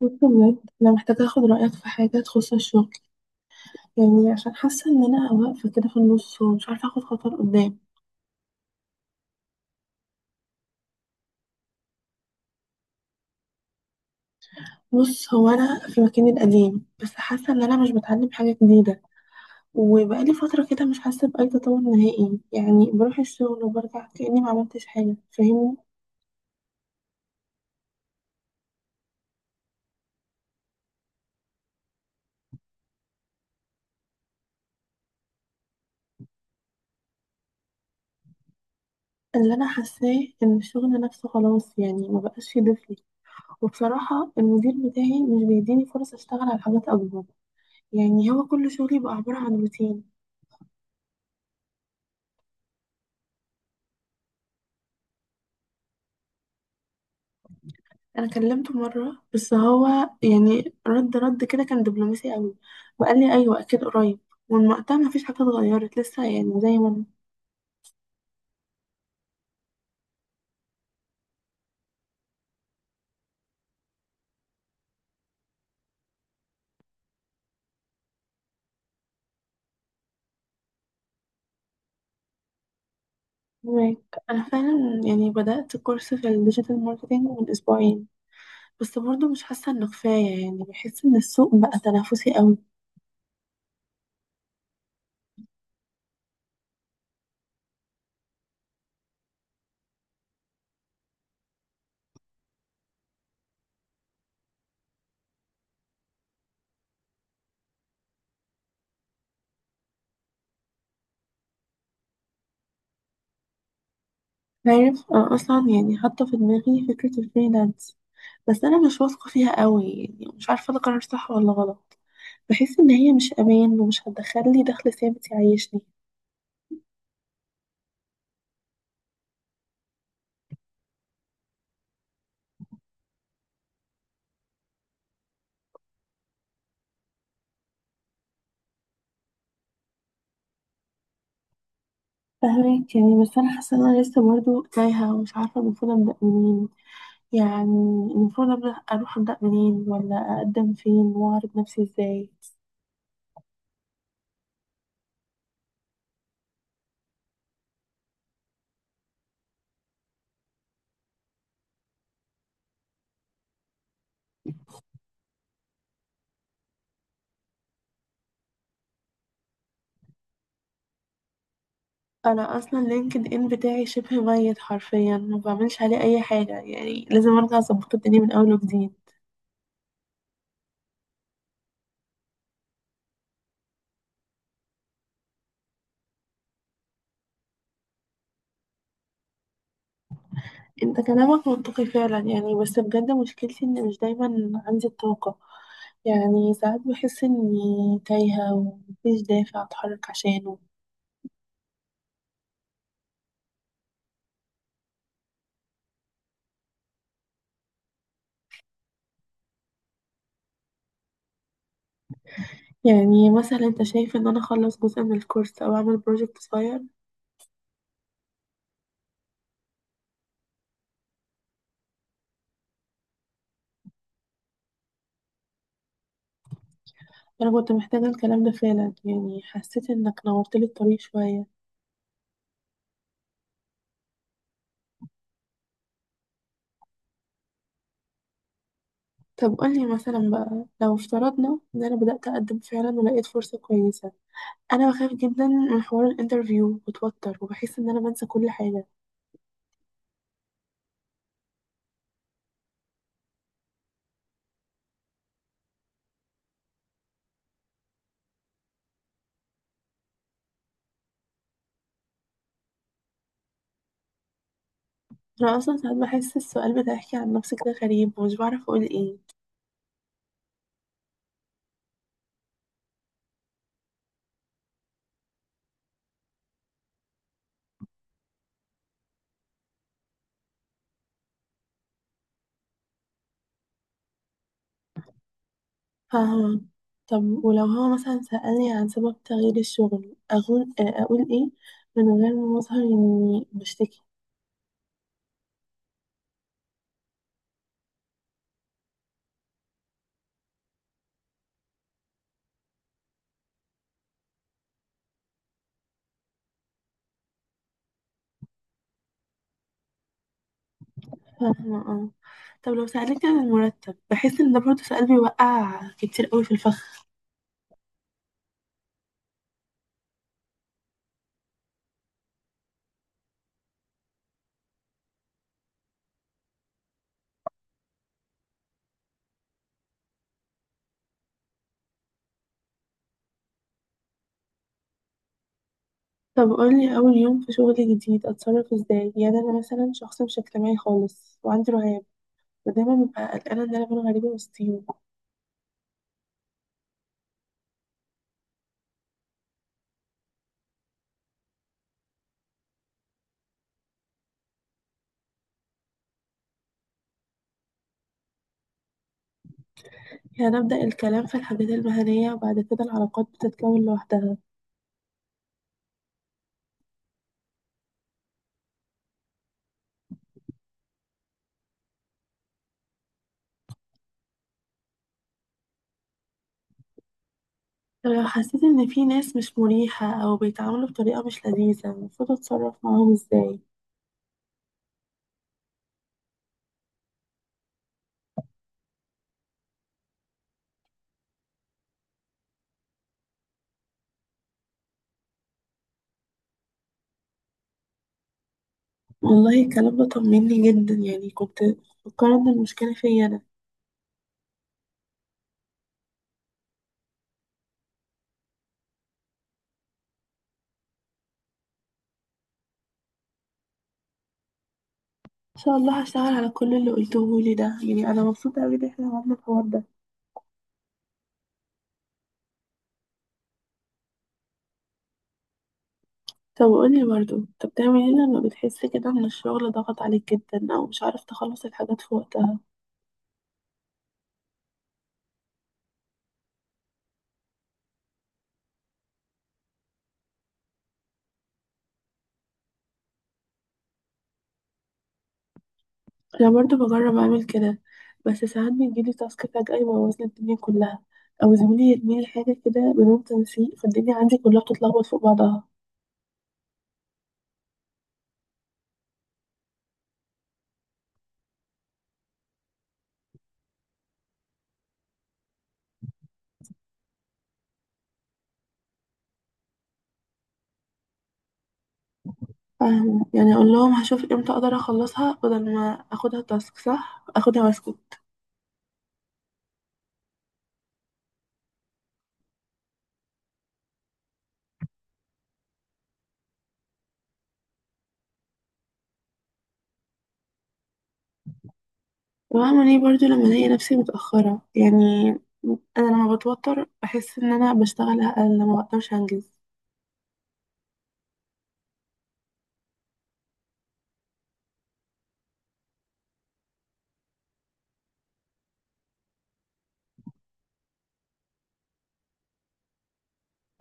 بص بجد انا محتاجه اخد رايك في حاجه تخص الشغل. يعني عشان حاسه ان انا واقفه كده في النص ومش عارفه اخد خطوه لقدام. بص هو انا في مكاني القديم، بس حاسه ان انا مش بتعلم حاجه جديده. وبقالي فتره كده مش حاسه باي تطور نهائي، يعني بروح الشغل وبرجع كاني ما عملتش حاجه، فاهمني. اللي انا حاساه ان الشغل نفسه خلاص، يعني ما بقاش يضيف لي. وبصراحه المدير بتاعي مش بيديني فرص اشتغل على حاجات اكبر، يعني هو كل شغلي بقى عباره عن روتين. انا كلمته مره، بس هو يعني رد كده كان دبلوماسي قوي، وقال لي ايوه اكيد قريب، ومن وقتها ما فيش حاجه اتغيرت لسه، يعني زي ما انا فاهمك. أنا فعلا يعني بدات كورس في الديجيتال ماركتينج من اسبوعين، بس برضه مش حاسه انه كفايه، يعني بحس ان السوق بقى تنافسي قوي. عارف، أنا اصلا يعني حاطه في دماغي فكره الفريلانس، بس انا مش واثقه فيها قوي، يعني مش عارفه ده قرار صح ولا غلط. بحس ان هي مش امان ومش هتدخل لي دخل ثابت يعيشني. فاهمك يعني، بس انا حاسه ان انا لسه برضو تايهه ومش عارفه المفروض ابدا منين. يعني المفروض ابدا اروح منين، ولا اقدم فين، واعرض نفسي ازاي. انا اصلا لينكد ان بتاعي شبه ميت حرفيا، ما بعملش عليه اي حاجه، يعني لازم ارجع اظبط الدنيا من اول وجديد. انت كلامك منطقي فعلا، يعني بس بجد مشكلتي ان مش دايما عندي الطاقه. يعني ساعات بحس اني تايهه ومفيش دافع اتحرك عشانه. يعني مثلا انت شايف ان انا اخلص جزء من الكورس او اعمل بروجكت صغير؟ انا كنت محتاجة الكلام ده فعلا، يعني حسيت انك نورت لي الطريق شوية. طب قولي مثلا بقى، لو افترضنا ان انا بدأت اقدم فعلا ولقيت فرصة كويسة، انا بخاف جدا من حوار الانترفيو، بتوتر وبحس ان انا بنسى كل حاجة. انا اصلا ساعات بحس السؤال بتاعك عن نفسك ده غريب، ومش بعرف اقول ايه. فاهمة. طب ولو هو مثلا سألني عن سبب تغيير الشغل، اقول ايه من غير ما اظهر اني بشتكي؟ فاهمة، اه. طب لو سألتك عن المرتب، بحس ان ده برضه سؤال بيوقع كتير قوي في الفخ. طب قولي اول يوم في شغل جديد اتصرف ازاي؟ يعني انا مثلا شخص مش اجتماعي خالص وعندي رهاب، ودايما ببقى قلقانة ان انا اكون غريبة وسطيهم. يعني أبدأ الكلام في الحاجات المهنية وبعد كده العلاقات بتتكون لوحدها؟ طب لو حسيت ان في ناس مش مريحة او بيتعاملوا بطريقة مش لذيذة، المفروض اتصرف معاهم ازاي؟ والله الكلام ده طمني جدا، يعني كنت فكرت ان المشكلة فيا انا. ان شاء الله هشتغل على كل اللي قلتهولي ده، يعني انا مبسوطه قوي ان احنا عملنا الحوار ده. طب قولي برضو انت بتعمل ايه لما بتحس كده ان الشغل ضغط عليك جدا، او مش عارف تخلص الحاجات في وقتها؟ انا برضو بجرب اعمل كده، بس ساعات بيجيلي تاسك فجأة يبوظ لي الدنيا كلها، او زميلي يرميلي حاجه كده بدون تنسيق، فالدنيا عندي كلها بتتلخبط فوق بعضها. فاهمة، يعني اقول لهم هشوف امتى اقدر اخلصها، بدل ما اخدها تاسك، صح؟ اخدها واسكت. وبعمل ايه برضو لما الاقي نفسي متأخرة؟ يعني انا لما بتوتر بحس ان انا بشتغل اقل، ما بقدرش انجز.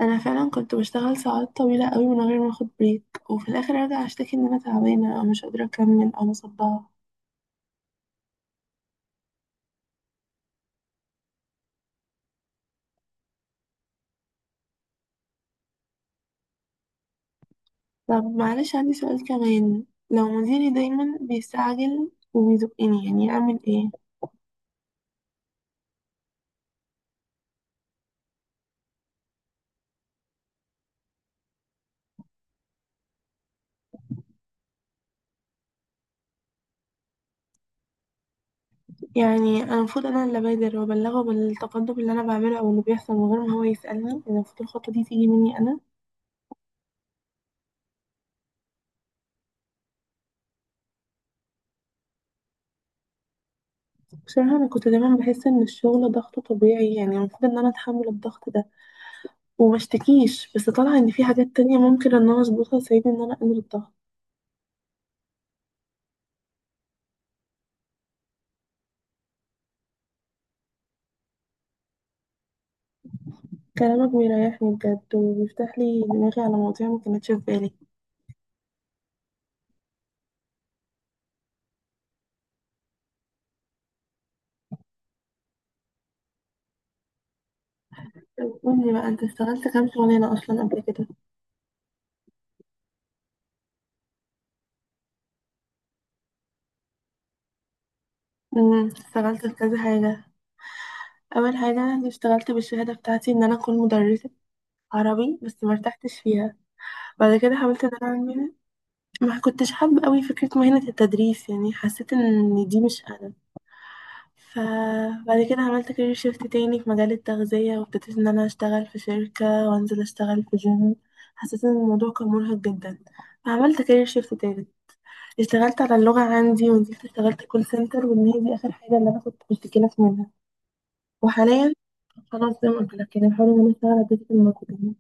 انا فعلا كنت بشتغل ساعات طويلة قوي من غير ما اخد بريك، وفي الاخر ارجع اشتكي ان انا تعبانة او مش قادرة اكمل او مصدعة. طب معلش عندي سؤال كمان. لو مديري دايما بيستعجل وبيزقني، يعني اعمل ايه؟ يعني انا المفروض انا اللي ابادر وابلغه بالتقدم اللي انا بعمله او اللي بيحصل من غير ما هو يسألني؟ يعني المفروض الخطوة دي تيجي مني انا. بصراحة أنا كنت دايما بحس إن الشغل ضغطه طبيعي، يعني المفروض إن أنا أتحمل الضغط ده ومشتكيش. بس طالعة إن في حاجات تانية ممكن إن أنا أظبطها تساعدني إن أنا أقلل الضغط. كلامك بيريحني بجد، وبيفتح لي دماغي على مواضيع ما كانتش في بالي. طب قولي بقى، أنت اشتغلت كام شغلانة أصلا قبل كده؟ اشتغلت في كذا حاجة. أول حاجة أنا اشتغلت بالشهادة بتاعتي إن أنا أكون مدرسة عربي، بس مرتحتش فيها. بعد كده حاولت إن أنا أعمل. ما كنتش حابة أوي فكرة مهنة التدريس، يعني حسيت إن دي مش أنا. فبعد كده عملت كارير شيفت تاني في مجال التغذية، وابتديت ان انا اشتغل في شركة، وانزل اشتغل في جيم. حسيت ان الموضوع كان مرهق جدا، فعملت كارير شيفت تالت. اشتغلت على اللغة عندي، ونزلت اشتغلت كول سنتر، وان هي دي اخر حاجة اللي انا كنت مشتكلة منها. وحاليا خلاص زي ما قلت لك، يعني بحاول ان انا اشتغل على ديجيتال ماركتنج.